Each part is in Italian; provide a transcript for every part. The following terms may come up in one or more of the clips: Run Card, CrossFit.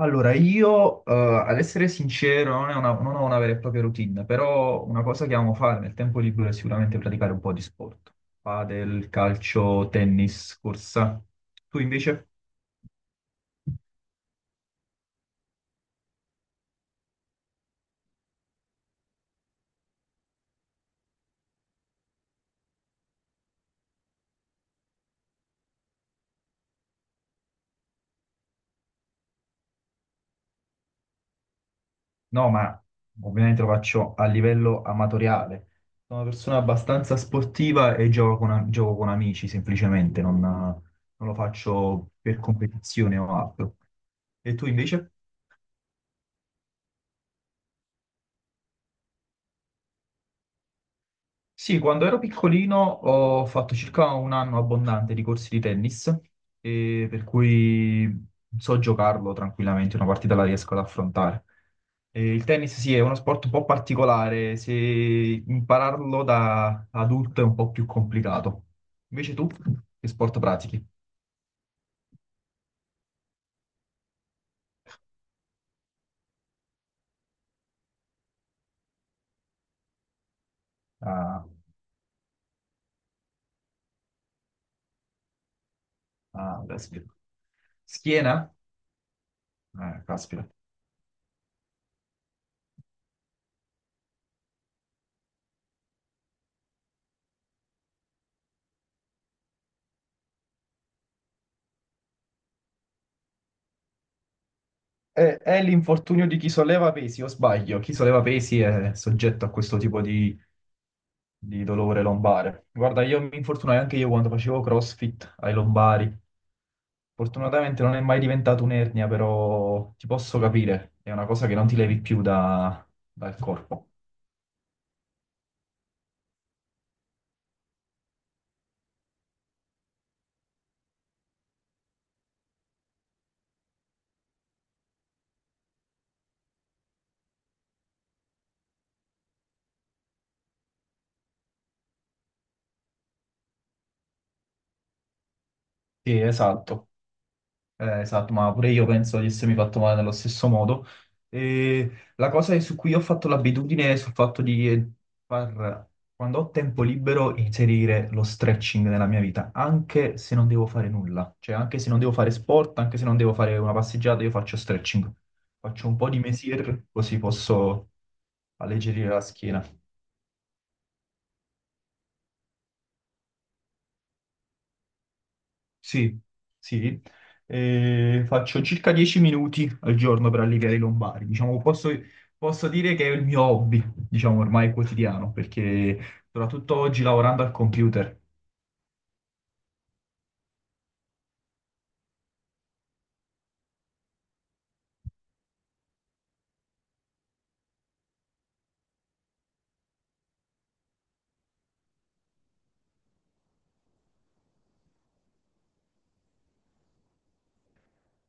Allora, io, ad essere sincero, non, non ho una vera e propria routine, però una cosa che amo fare nel tempo libero è sicuramente praticare un po' di sport. Padel, calcio, tennis, corsa. Tu invece? No, ma ovviamente lo faccio a livello amatoriale. Sono una persona abbastanza sportiva e gioco con amici, semplicemente, non lo faccio per competizione o altro. E tu invece? Sì, quando ero piccolino ho fatto circa un anno abbondante di corsi di tennis, e per cui so giocarlo tranquillamente, una partita la riesco ad affrontare. E il tennis sì, è uno sport un po' particolare, se impararlo da adulto è un po' più complicato. Invece tu, che sport pratichi? Ah, ah, caspita. Schiena? Caspita. È l'infortunio di chi solleva pesi, o sbaglio? Chi solleva pesi è soggetto a questo tipo di dolore lombare. Guarda, io mi infortunai anche io quando facevo CrossFit ai lombari. Fortunatamente non è mai diventato un'ernia, però ti posso capire, è una cosa che non ti levi più dal corpo. Sì, esatto. Esatto, ma pure io penso di essermi fatto male nello stesso modo. E la cosa è su cui ho fatto l'abitudine è sul fatto di far, quando ho tempo libero, inserire lo stretching nella mia vita, anche se non devo fare nulla. Cioè, anche se non devo fare sport, anche se non devo fare una passeggiata, io faccio stretching. Faccio un po' di mesier, così posso alleggerire la schiena. Sì, sì, eh, faccio circa 10 minuti al giorno per alleviare i lombari. Diciamo, posso dire che è il mio hobby, diciamo, ormai quotidiano, perché soprattutto oggi lavorando al computer.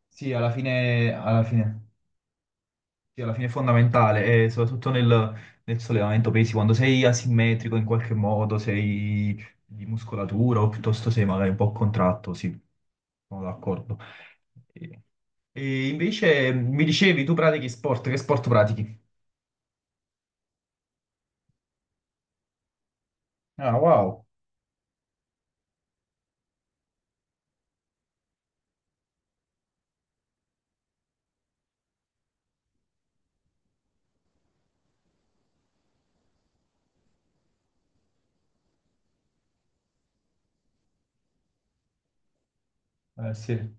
Sì, alla fine, alla fine. Sì, alla fine è fondamentale, e soprattutto nel sollevamento pesi, quando sei asimmetrico in qualche modo, sei di muscolatura o piuttosto sei magari un po' contratto, sì, sono d'accordo. E, e invece mi dicevi, tu pratichi sport, che sport pratichi? Ah, wow, sì.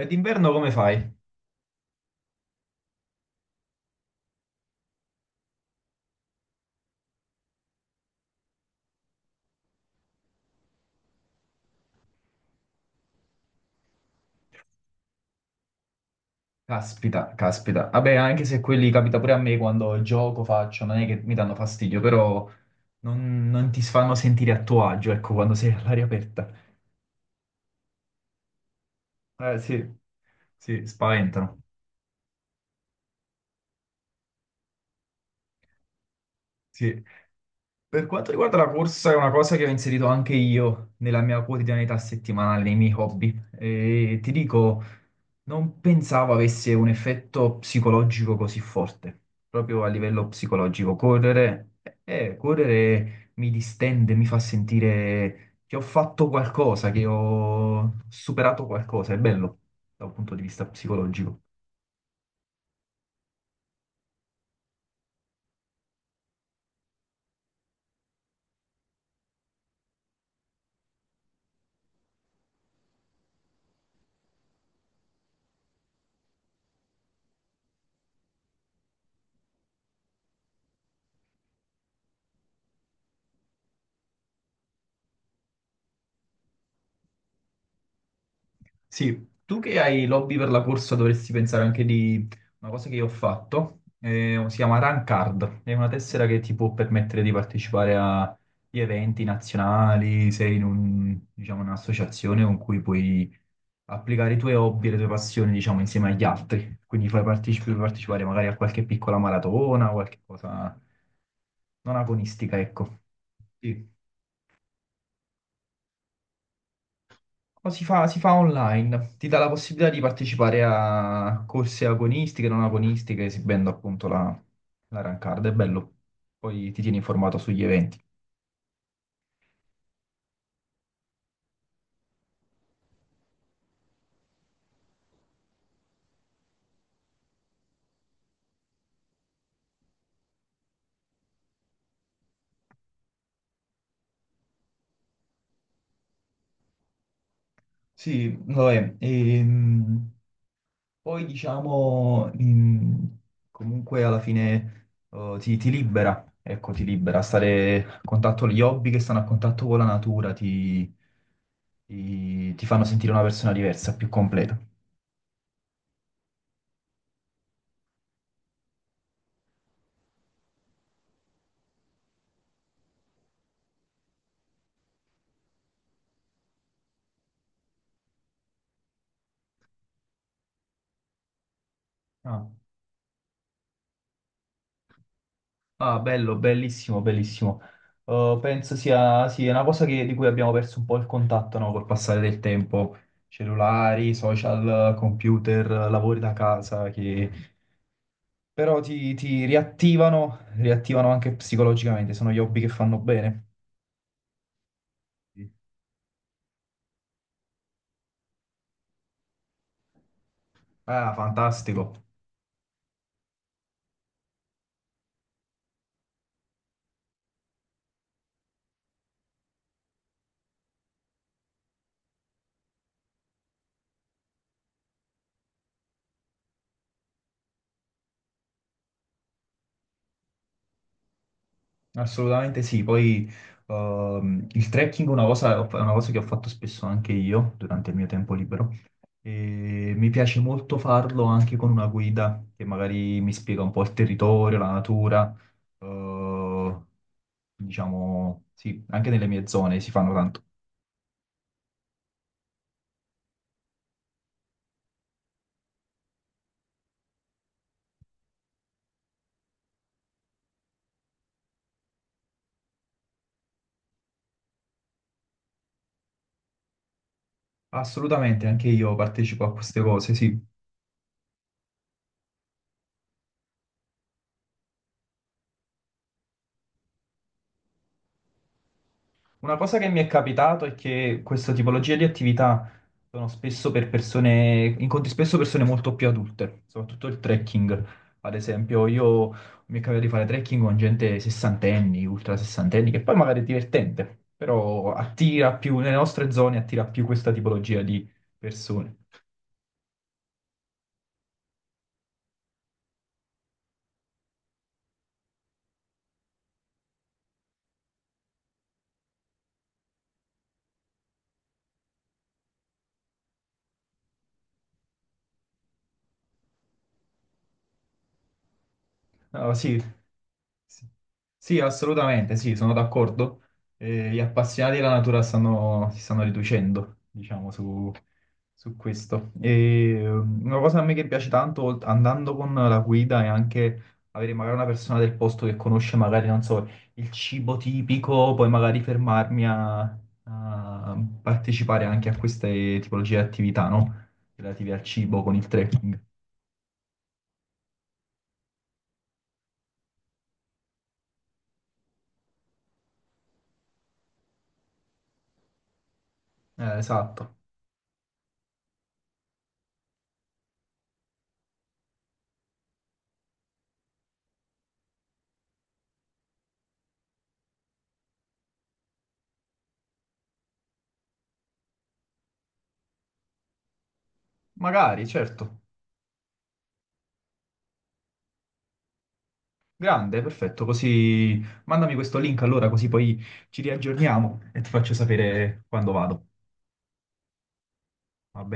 E d'inverno come fai? Caspita, caspita. Vabbè, anche se quelli capita pure a me quando gioco, faccio, non è che mi danno fastidio, però non ti fanno sentire a tuo agio, ecco, quando sei all'aria aperta. Sì, sì, spaventano. Sì. Per quanto riguarda la corsa, è una cosa che ho inserito anche io nella mia quotidianità settimanale, nei miei hobby. E ti dico, non pensavo avesse un effetto psicologico così forte, proprio a livello psicologico. Correre, correre mi distende, mi fa sentire che ho fatto qualcosa, che ho superato qualcosa. È bello da un punto di vista psicologico. Sì, tu che hai l'hobby per la corsa dovresti pensare anche di una cosa che io ho fatto, si chiama Run Card, è una tessera che ti può permettere di partecipare a gli eventi nazionali, diciamo, un'associazione con cui puoi applicare i tuoi hobby e le tue passioni, diciamo, insieme agli altri, quindi partecipare magari a qualche piccola maratona, qualche cosa non agonistica, ecco. Sì. Si fa online, ti dà la possibilità di partecipare a corse agonistiche, non agonistiche, esibendo appunto la run card, è bello. Poi ti tieni informato sugli eventi. Sì, vabbè, poi comunque alla fine ti libera, ecco, ti libera, stare a contatto gli hobby che stanno a contatto con la natura, ti fanno sentire una persona diversa, più completa. Ah. Ah, bello, bellissimo, bellissimo. Penso sia, sì, è una di cui abbiamo perso un po' il contatto, no, col passare del tempo. Cellulari, social, computer, lavori da casa, che però ti riattivano, riattivano anche psicologicamente, sono gli hobby che fanno bene. Sì. Ah, fantastico, assolutamente sì. Poi il trekking è una è una cosa che ho fatto spesso anche io durante il mio tempo libero. E mi piace molto farlo anche con una guida che magari mi spiega un po' il territorio, la natura, eh, diciamo, sì, anche nelle mie zone si fanno tanto. Assolutamente, anche io partecipo a queste cose, sì. Una cosa che mi è capitato è che questa tipologia di attività sono spesso per persone, incontri spesso persone molto più adulte, soprattutto il trekking. Ad esempio, io mi è capitato di fare trekking con gente sessantenni, ultra sessantenni, che poi magari è divertente, però nelle nostre zone attira più questa tipologia di persone. No, sì, sì, sì, assolutamente, sì, sono d'accordo. Gli appassionati della natura si stanno riducendo, diciamo, su questo. E, una cosa a me che piace tanto, andando con la guida, è anche avere magari una persona del posto che conosce magari, non so, il cibo tipico, poi magari a partecipare anche a queste tipologie di attività, no? Relative al cibo con il trekking. Esatto, magari, certo. Grande, perfetto, così mandami questo link allora, così poi ci riaggiorniamo e ti faccio sapere quando vado. Va